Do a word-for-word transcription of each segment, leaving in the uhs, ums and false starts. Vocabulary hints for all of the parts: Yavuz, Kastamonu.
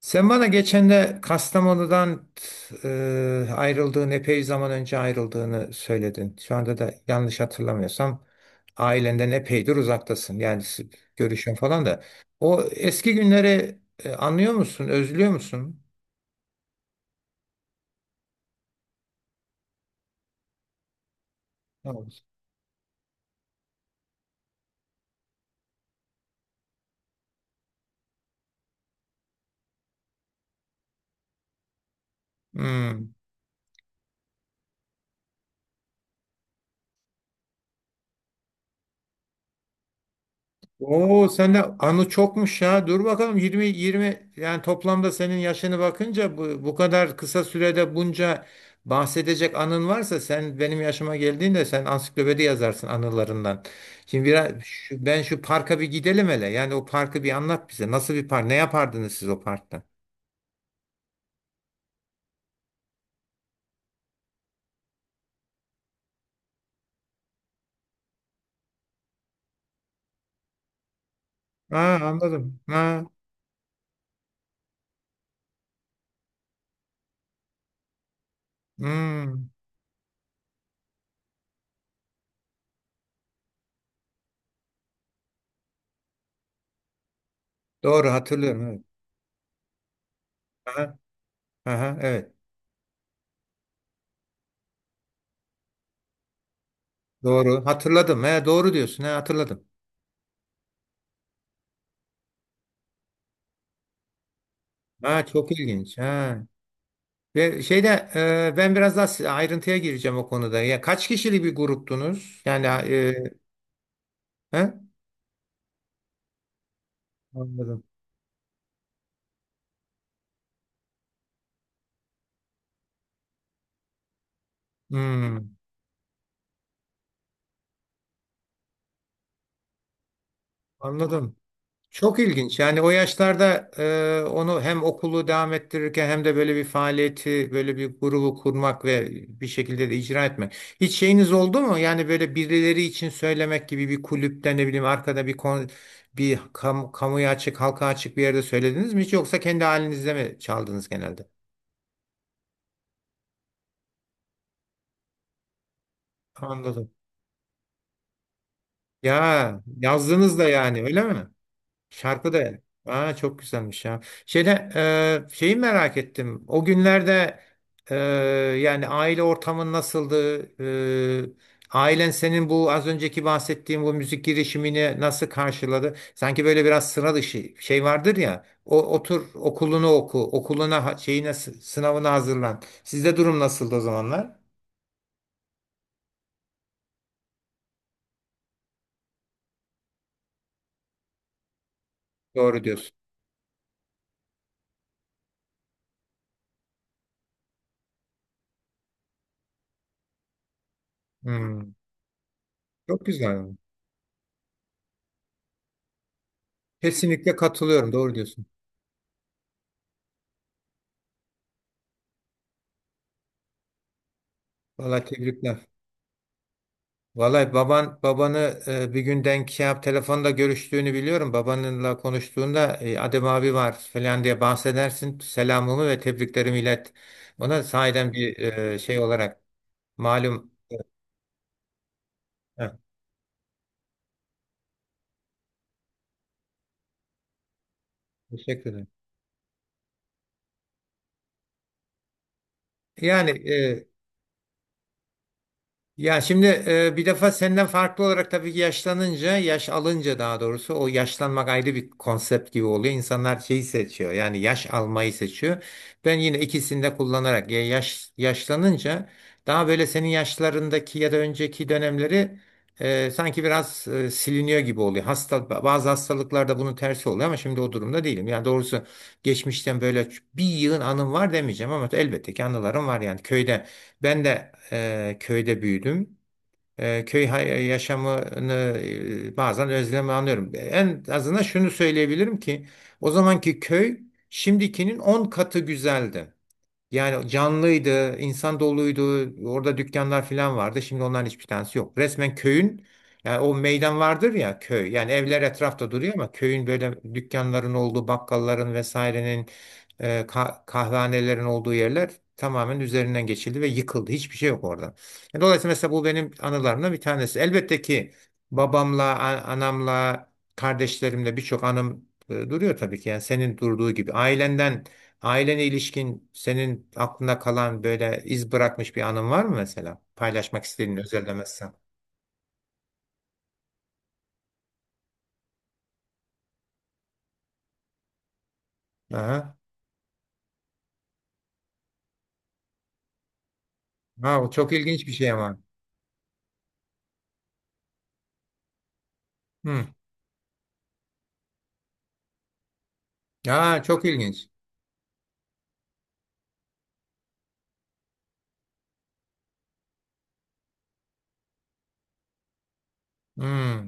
Sen bana geçen de Kastamonu'dan e, ayrıldığın, epey zaman önce ayrıldığını söyledin. Şu anda da yanlış hatırlamıyorsam ailenden epeydir uzaktasın. Yani s- görüşün falan da. O eski günleri e, anlıyor musun, özlüyor musun? Tamam. Hmm. Oo sende anı çokmuş ya. Dur bakalım yirmi yirmi yani toplamda senin yaşını bakınca bu, bu kadar kısa sürede bunca bahsedecek anın varsa sen benim yaşıma geldiğinde sen ansiklopedi yazarsın anılarından. Şimdi biraz şu- ben şu parka bir gidelim hele. Yani o parkı bir anlat bize. Nasıl bir park? Ne yapardınız siz o parkta? Ha, anladım. Ha, hmm. Doğru hatırlıyorum. Evet. Aha, aha, evet. Doğru hatırladım. He, doğru diyorsun. He, hatırladım. Ha, çok ilginç. Ha. Ve şeyde e, ben biraz daha si- ayrıntıya gireceğim o konuda. Ya kaç kişilik bir gruptunuz? Yani e, he? Anladım. Hmm, anladım. Çok ilginç. Yani o yaşlarda e, onu hem okulu devam ettirirken hem de böyle bir faaliyeti, böyle bir grubu kurmak ve bir şekilde de icra etmek. Hiç şeyiniz oldu mu? Yani böyle birileri için söylemek gibi bir kulüpte ne bileyim arkada bir kon bir kam kamuya açık, halka açık bir yerde söylediniz mi hiç yoksa kendi halinizde mi çaldınız genelde? Anladım. Ya yazdınız da yani öyle mi? Şarkı da. Aa, çok güzelmiş ya. Şeyde e, şeyi merak ettim. O günlerde e, yani aile ortamın nasıldı? E, Ailen senin bu az önceki bahsettiğim bu müzik girişimini nasıl karşıladı? Sanki böyle biraz sıra dışı şey vardır ya. O otur okulunu oku, okuluna ha- şeyine s- sınavına hazırlan. Sizde durum nasıldı o zamanlar? Doğru diyorsun. Hmm, çok güzel. Kesinlikle katılıyorum. Doğru diyorsun. Vallahi tebrikler. Vallahi baban babanı e, bir gün denk şey yap telefonda görüştüğünü biliyorum. Babanınla konuştuğunda e, Adem abi var falan diye bahsedersin. Selamımı ve tebriklerimi ilet. Ona sahiden bir e, şey olarak malum. Heh, teşekkür ederim. Yani e, ya şimdi e, bir defa senden farklı olarak tabii ki yaşlanınca, yaş alınca daha doğrusu o yaşlanmak ayrı bir konsept gibi oluyor. İnsanlar şeyi seçiyor yani yaş almayı seçiyor. Ben yine ikisini de kullanarak ya yaş yaşlanınca daha böyle senin yaşlarındaki ya da önceki dönemleri e, sanki biraz e, siliniyor gibi oluyor. Hasta, bazı hastalıklarda bunun tersi oluyor ama şimdi o durumda değilim. Yani doğrusu geçmişten böyle bir yığın anım var demeyeceğim ama elbette ki anılarım var yani köyde. Ben de Eee, köyde büyüdüm. Eee, köy hay- yaşamını eee, bazen özlemi anlıyorum. En azından şunu söyleyebilirim ki o zamanki köy şimdikinin on katı güzeldi. Yani canlıydı, insan doluydu, orada dükkanlar falan vardı. Şimdi onların hiçbir tanesi yok. Resmen köyün, yani o meydan vardır ya köy. Yani evler etrafta duruyor ama köyün böyle dükkanların olduğu, bakkalların vesairenin, e, ka- kahvehanelerin olduğu yerler tamamen üzerinden geçildi ve yıkıldı. Hiçbir şey yok orada. Yani dolayısıyla mesela bu benim anılarımdan bir tanesi. Elbette ki babamla, a- anamla, kardeşlerimle birçok anım e, duruyor tabii ki. Yani senin durduğu gibi. Ailenden Ailene ilişkin senin aklında kalan böyle iz bırakmış bir anın var mı mesela? Paylaşmak istediğin özellemezsen. Aha. Ha, o çok ilginç bir şey ama. Hı. Ya çok ilginç. Hı.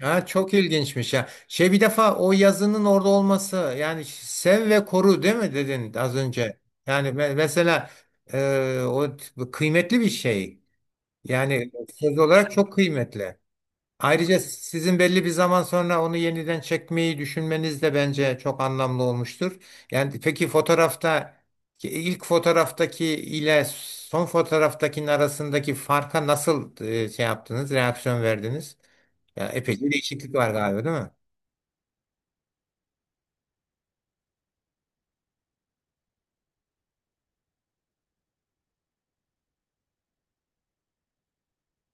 Ya çok ilginçmiş ya. Şey, bir defa o yazının orada olması yani sev ve koru değil mi dedin az önce? Yani me- mesela e, o t- kıymetli bir şey. Yani söz olarak çok kıymetli. Ayrıca sizin belli bir zaman sonra onu yeniden çekmeyi düşünmeniz de bence çok anlamlı olmuştur. Yani peki fotoğrafta ilk fotoğraftaki ile son fotoğraftakinin arasındaki farka nasıl e, şey yaptınız, reaksiyon verdiniz? Ya epeyce değişiklik var galiba, değil mi?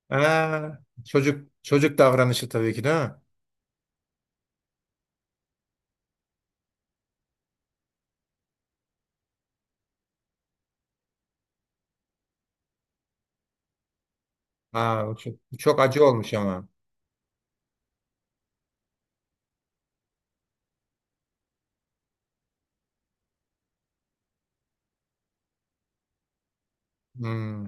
Ha, çocuk çocuk davranışı tabii ki değil mi? Aa, bu çok, bu çok acı olmuş ama. Hmm.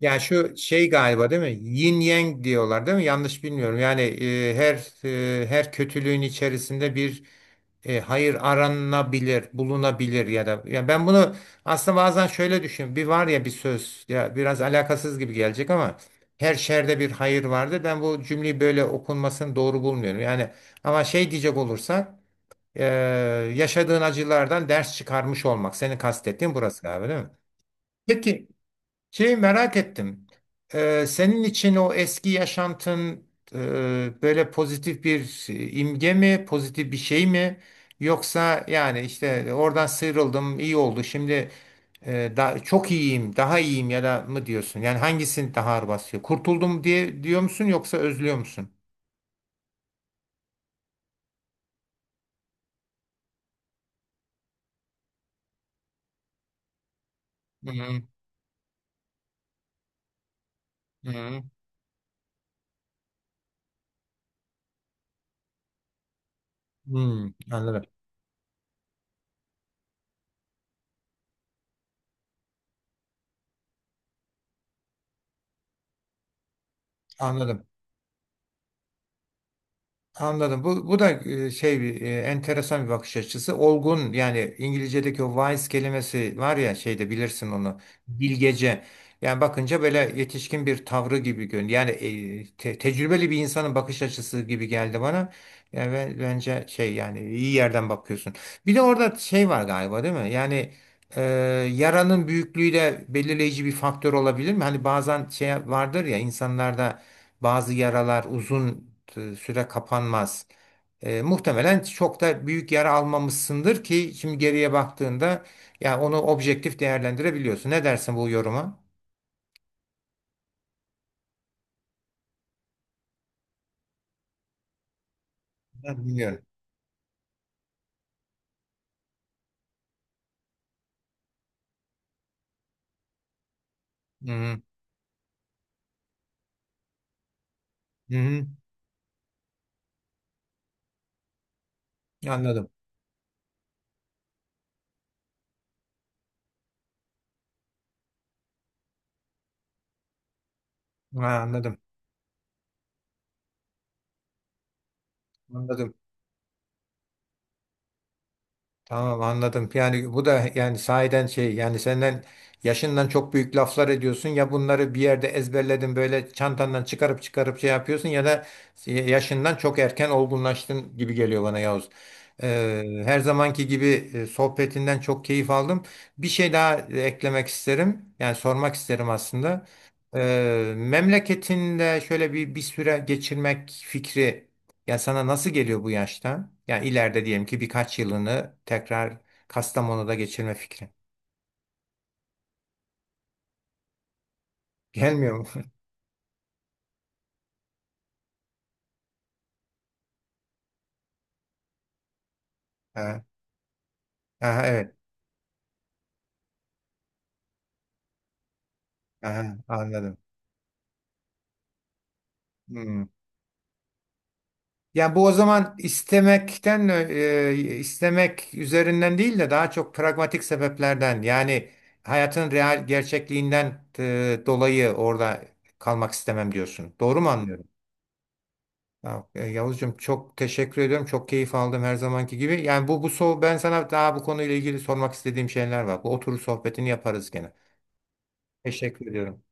Yani şu şey galiba değil mi? Yin yang diyorlar değil mi? Yanlış bilmiyorum. Yani e, her e, her kötülüğün içerisinde bir e, hayır aranabilir, bulunabilir ya da ya ben bunu aslında bazen şöyle düşünüyorum. Bir var ya bir söz ya biraz alakasız gibi gelecek ama her şerde bir hayır vardır. Ben bu cümleyi böyle okunmasını doğru bulmuyorum. Yani ama şey diyecek olursak e, yaşadığın acılardan ders çıkarmış olmak. Senin kastettiğin burası galiba değil mi? Peki. Şey merak ettim. Ee, senin için o eski yaşantın e, böyle pozitif bir e, imge mi, pozitif bir şey mi? Yoksa yani işte oradan sıyrıldım, iyi oldu. Şimdi e, da, çok iyiyim, daha iyiyim ya da mı diyorsun? Yani hangisini daha ağır basıyor? Kurtuldum diye diyor musun yoksa özlüyor musun? Hı hı, hı hı. Hmm, anladım. Anladım. Anladım. Bu, bu da e, şey bir e, enteresan bir bakış açısı. Olgun yani İngilizce'deki o wise kelimesi var ya şeyde bilirsin onu. Bilgece. Yani bakınca böyle yetişkin bir tavrı gibi görünüyor. Yani e, te- tecrübeli bir insanın bakış açısı gibi geldi bana. Yani ben, bence şey yani iyi yerden bakıyorsun. Bir de orada şey var galiba değil mi? Yani e, yaranın büyüklüğü de belirleyici bir faktör olabilir mi? Hani bazen şey vardır ya insanlarda bazı yaralar uzun e, süre kapanmaz. E, muhtemelen çok da büyük yara almamışsındır ki şimdi geriye baktığında yani onu objektif değerlendirebiliyorsun. Ne dersin bu yoruma? Ben bilmiyorum. Hı hı. Hı hı. Anladım. Ha, anladım. Anladım. Tamam, anladım. Yani bu da yani sahiden şey yani senden yaşından çok büyük laflar ediyorsun ya bunları bir yerde ezberledin böyle çantandan çıkarıp çıkarıp şey yapıyorsun ya da yaşından çok erken olgunlaştın gibi geliyor bana Yavuz. Ee, her zamanki gibi e, sohbetinden çok keyif aldım. Bir şey daha eklemek isterim. Yani sormak isterim aslında. Ee, memleketinde şöyle bir bir süre geçirmek fikri ya sana nasıl geliyor bu yaşta? Yani ileride diyelim ki birkaç yılını tekrar Kastamonu'da geçirme fikri. Gelmiyor mu? Ha, aha, evet. Aha, anladım. Hmm. Ya bu o zaman istemekten e, istemek üzerinden değil de daha çok pragmatik sebeplerden yani hayatın real gerçekliğinden e, dolayı orada kalmak istemem diyorsun. Doğru mu anlıyorum? Ya, e, Yavuzcuğum çok teşekkür ediyorum. Çok keyif aldım her zamanki gibi. Yani bu bu so ben sana daha bu konuyla ilgili sormak istediğim şeyler var. Bu oturur sohbetini yaparız gene. Teşekkür ediyorum.